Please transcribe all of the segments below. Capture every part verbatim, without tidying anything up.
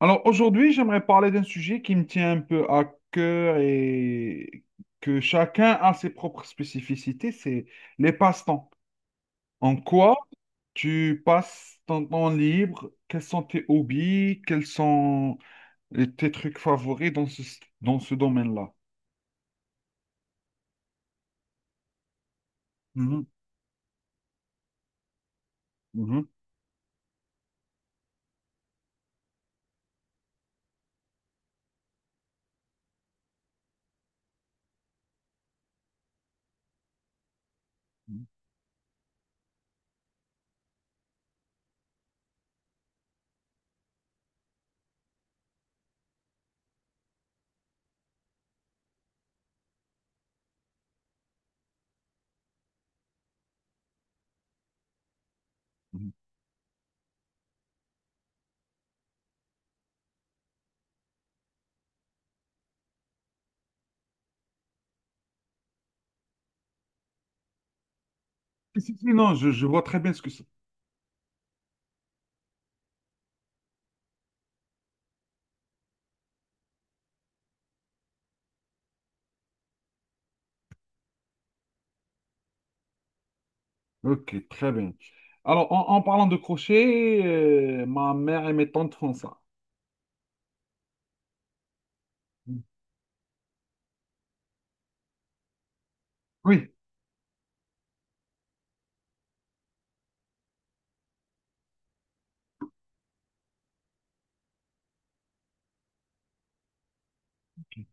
Alors aujourd'hui, j'aimerais parler d'un sujet qui me tient un peu à cœur et que chacun a ses propres spécificités, c'est les passe-temps. En quoi tu passes ton temps libre? Quels sont tes hobbies? Quels sont les- tes trucs favoris dans ce, dans ce domaine-là? Mhm, mhm, mhm, mhm. Si, si, non, je, je vois très bien ce que c'est. Ok, très bien. Alors, en, en parlant de crochet, euh, ma mère et mes tantes font ça. Oui. Ok.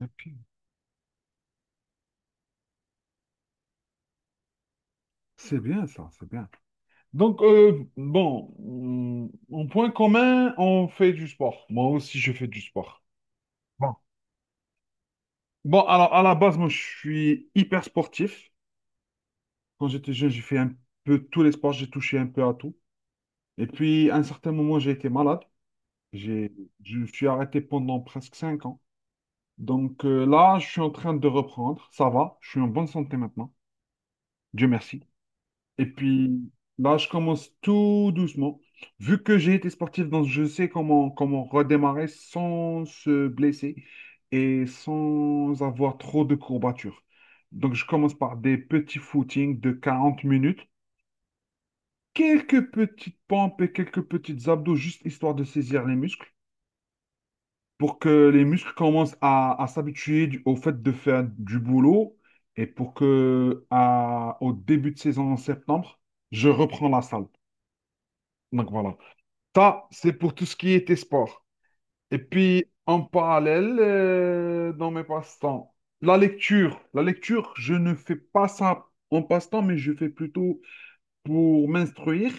Ok. C'est bien ça, c'est bien. Donc, euh, bon, hum, en point commun, on fait du sport. Moi aussi, je fais du sport. Bon, Bon, alors, à la base, moi, je suis hyper sportif. Quand j'étais jeune, j'ai fait un peu tous les sports, j'ai touché un peu à tout. Et puis, à un certain moment, j'ai été malade. J'ai, je me suis arrêté pendant presque cinq ans. Donc, euh, là, je suis en train de reprendre. Ça va, je suis en bonne santé maintenant. Dieu merci. Et puis là, je commence tout doucement. Vu que j'ai été sportif, donc je sais comment, comment redémarrer sans se blesser et sans avoir trop de courbatures. Donc je commence par des petits footings de quarante minutes, quelques petites pompes et quelques petites abdos, juste histoire de saisir les muscles, pour que les muscles commencent à, à s'habituer du- au fait de faire du boulot et pour que à- au début de saison en septembre, je reprends la salle. Donc voilà. Ça, c'est pour tout ce qui était sport. Et puis, en parallèle, euh, dans mes passe-temps, la lecture. La lecture, je ne fais pas ça en passe-temps, mais je fais plutôt pour m'instruire.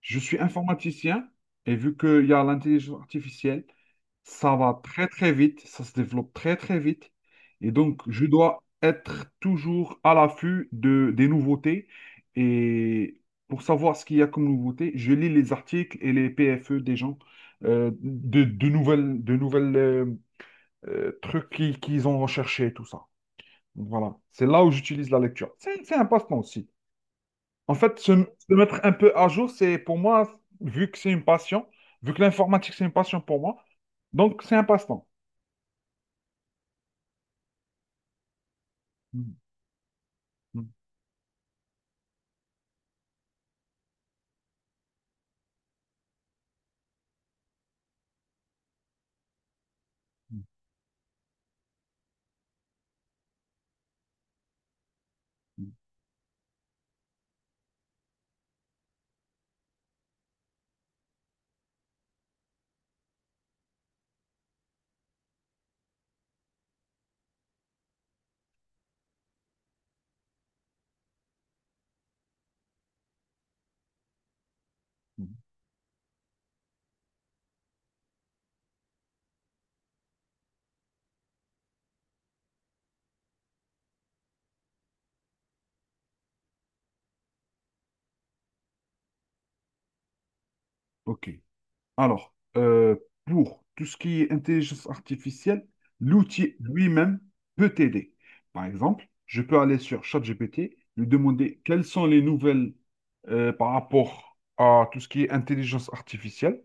Je suis informaticien et vu qu'il y a l'intelligence artificielle, ça va très très vite, ça se développe très très vite. Et donc, je dois être toujours à l'affût de, des nouveautés. Et pour savoir ce qu'il y a comme nouveauté, je lis les articles et les P F E des gens, euh, de, de nouvelles, de nouvelles euh, euh, trucs qu'ils qu'ils ont recherchés, tout ça. Donc, voilà, c'est là où j'utilise la lecture. C'est c'est un passe-temps aussi. En fait, se, se mettre un peu à jour, c'est pour moi, vu que c'est une passion, vu que l'informatique, c'est une passion pour moi, donc c'est un passe-temps. Mm, mm, mm, mm, mm. Ok. Alors, euh, pour tout ce qui est intelligence artificielle, l'outil lui-même peut t'aider. Par exemple, je peux aller sur ChatGPT, lui demander quelles sont les nouvelles euh, par rapport à tout ce qui est intelligence artificielle.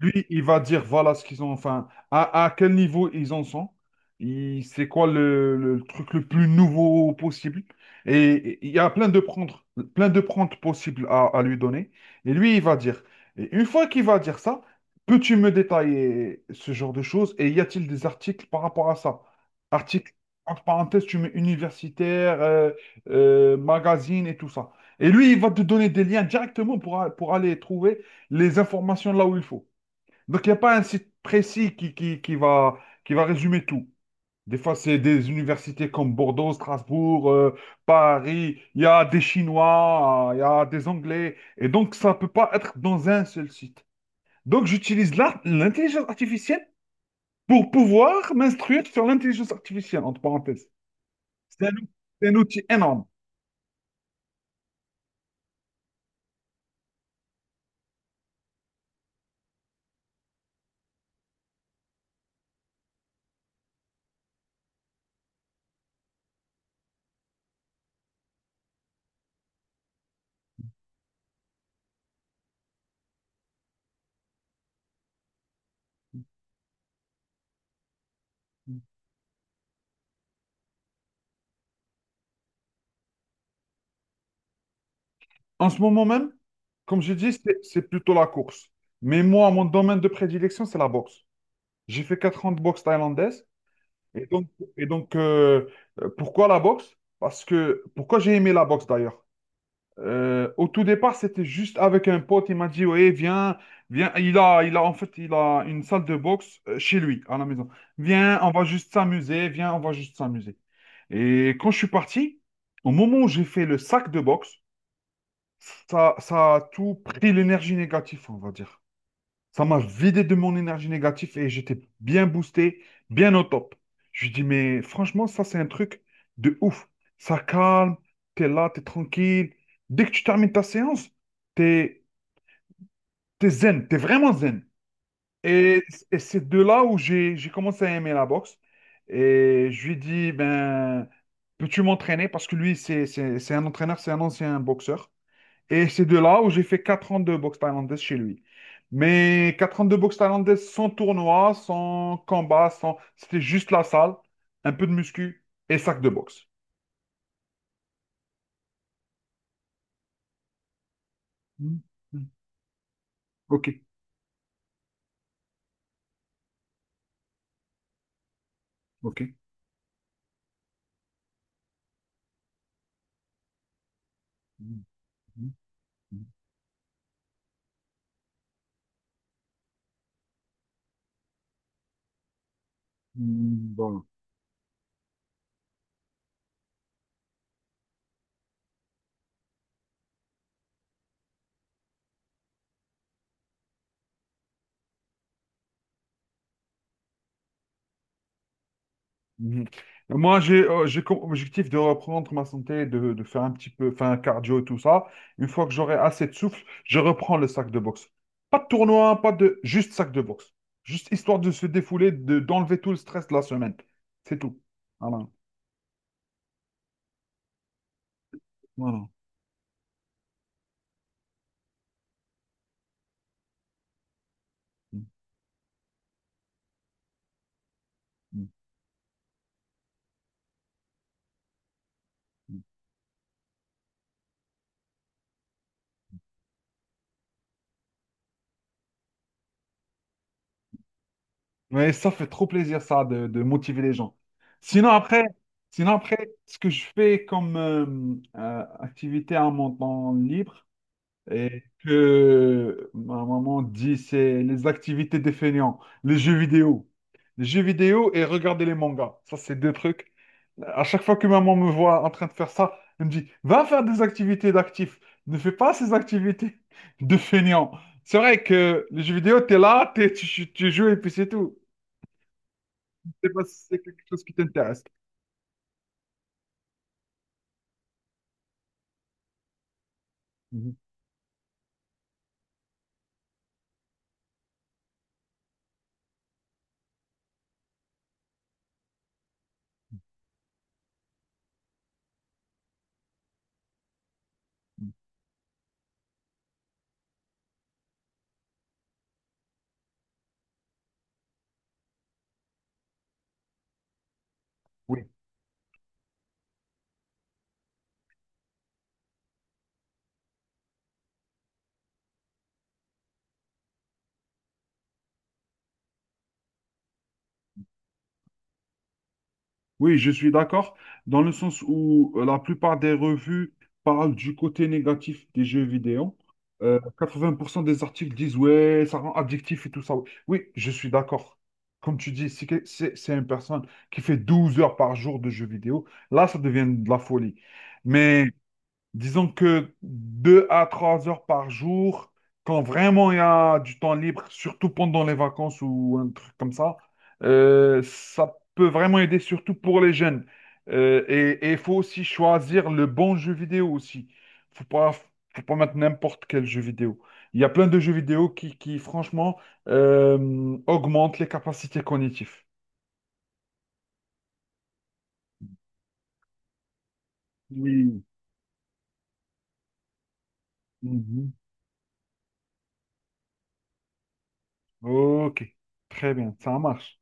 Lui, il va dire voilà ce qu'ils ont, enfin, à, à quel niveau ils en sont, il- c'est quoi le, le truc le plus nouveau possible. Et il y a plein de prendre, plein de prendre possibles à, à lui donner. Et lui, il va dire. Et une fois qu'il va dire ça, peux-tu me détailler ce genre de choses? Et y a-t-il des articles par rapport à ça? Articles, entre parenthèses, tu mets universitaire, euh, euh, magazine et tout ça. Et lui, il va te donner des liens directement pour, a- pour aller trouver les informations là où il faut. Donc, il n'y a pas un site précis qui, qui, qui va, qui va résumer tout. Des fois, c'est des universités comme Bordeaux, Strasbourg, euh, Paris. Il y a des Chinois, euh, il y a des Anglais. Et donc, ça ne peut pas être dans un seul site. Donc, j'utilise l'art- l'intelligence artificielle pour pouvoir m'instruire sur l'intelligence artificielle, entre parenthèses. C'est un, ou- c'est un outil énorme. En ce moment même, comme j'ai dit, c'est c'est plutôt la course. Mais moi, mon domaine de prédilection, c'est la boxe. J'ai fait quatre ans de boxe thaïlandaise. Et donc, et donc euh, euh, pourquoi la boxe? Parce que, pourquoi j'ai aimé la boxe d'ailleurs? Euh, au tout départ, c'était juste avec un pote, il m'a dit, ouais, viens, viens, il a, il a, en fait, il a une salle de boxe euh, chez lui, à la maison. Viens, on va juste s'amuser, viens, on va juste s'amuser. Et quand je suis parti, au moment où j'ai fait le sac de boxe, ça, ça a tout pris l'énergie négative, on va dire. Ça m'a vidé de mon énergie négative et j'étais bien boosté, bien au top. Je lui dis, mais franchement, ça, c'est un truc de ouf. Ça calme, t'es là, t'es tranquille. Dès que tu termines ta séance, t'es, t'es zen, t'es vraiment zen. Et, et c'est de là où j'ai, j'ai commencé à aimer la boxe. Et je lui dis, ben, peux-tu m'entraîner? Parce que lui, c'est, c'est, c'est un entraîneur, c'est un ancien boxeur. Et c'est de là où j'ai fait quatre ans de boxe thaïlandaise chez lui. Mais quatre ans de boxe thaïlandaise sans tournoi, sans combat, sans... C'était juste la salle, un peu de muscu et sac de boxe. Mm, mm. Ok, ok. Mm, mm, mm. Mm, bon, mhm. Moi, j'ai euh, j'ai comme objectif de reprendre ma santé, de, de faire un petit peu, enfin, cardio et tout ça. Une fois que j'aurai assez de souffle, je reprends le sac de boxe. Pas de tournoi, pas de... Juste sac de boxe. Juste histoire de se défouler, de, d'enlever tout le stress de la semaine. C'est tout. Voilà. Voilà. Mm, mm, mm. Mais ça fait trop plaisir, ça, de, de motiver les gens. Sinon, après, sinon après, ce que je fais comme euh, euh, activité à mon temps libre, et que ma maman dit c'est les activités des fainéants, les jeux vidéo. Les jeux vidéo et regarder les mangas. Ça, c'est deux trucs. À chaque fois que maman me voit en train de faire ça, elle me dit, va faire des activités d'actifs. Ne fais pas ces activités de fainéants. C'est vrai que les jeux vidéo, t'es là, t'es- tu, tu- tu joues et puis c'est tout. Je sais pas si c'est quelque chose qui t'intéresse. Mhm. Oui. Oui, je suis d'accord, dans le sens où euh, la plupart des revues parlent du côté négatif des jeux vidéo. Euh, quatre-vingts pour cent des articles disent, ouais, ça rend addictif et tout ça. Oui, je suis d'accord. Comme tu dis, si que- c'est c'est une personne qui fait douze heures par jour de jeux vidéo, là, ça devient de la folie. Mais disons que deux à trois heures par jour, quand vraiment il y a du temps libre, surtout pendant les vacances ou un truc comme ça, euh, ça peut vraiment aider, surtout pour les jeunes. Euh, et et il faut aussi choisir le bon jeu vidéo aussi. Faut pas, faut pas mettre n'importe quel jeu vidéo. Il y a plein de jeux vidéo qui, qui franchement, euh, augmentent les capacités cognitives. Oui. Mhm. Ok, très bien, ça marche.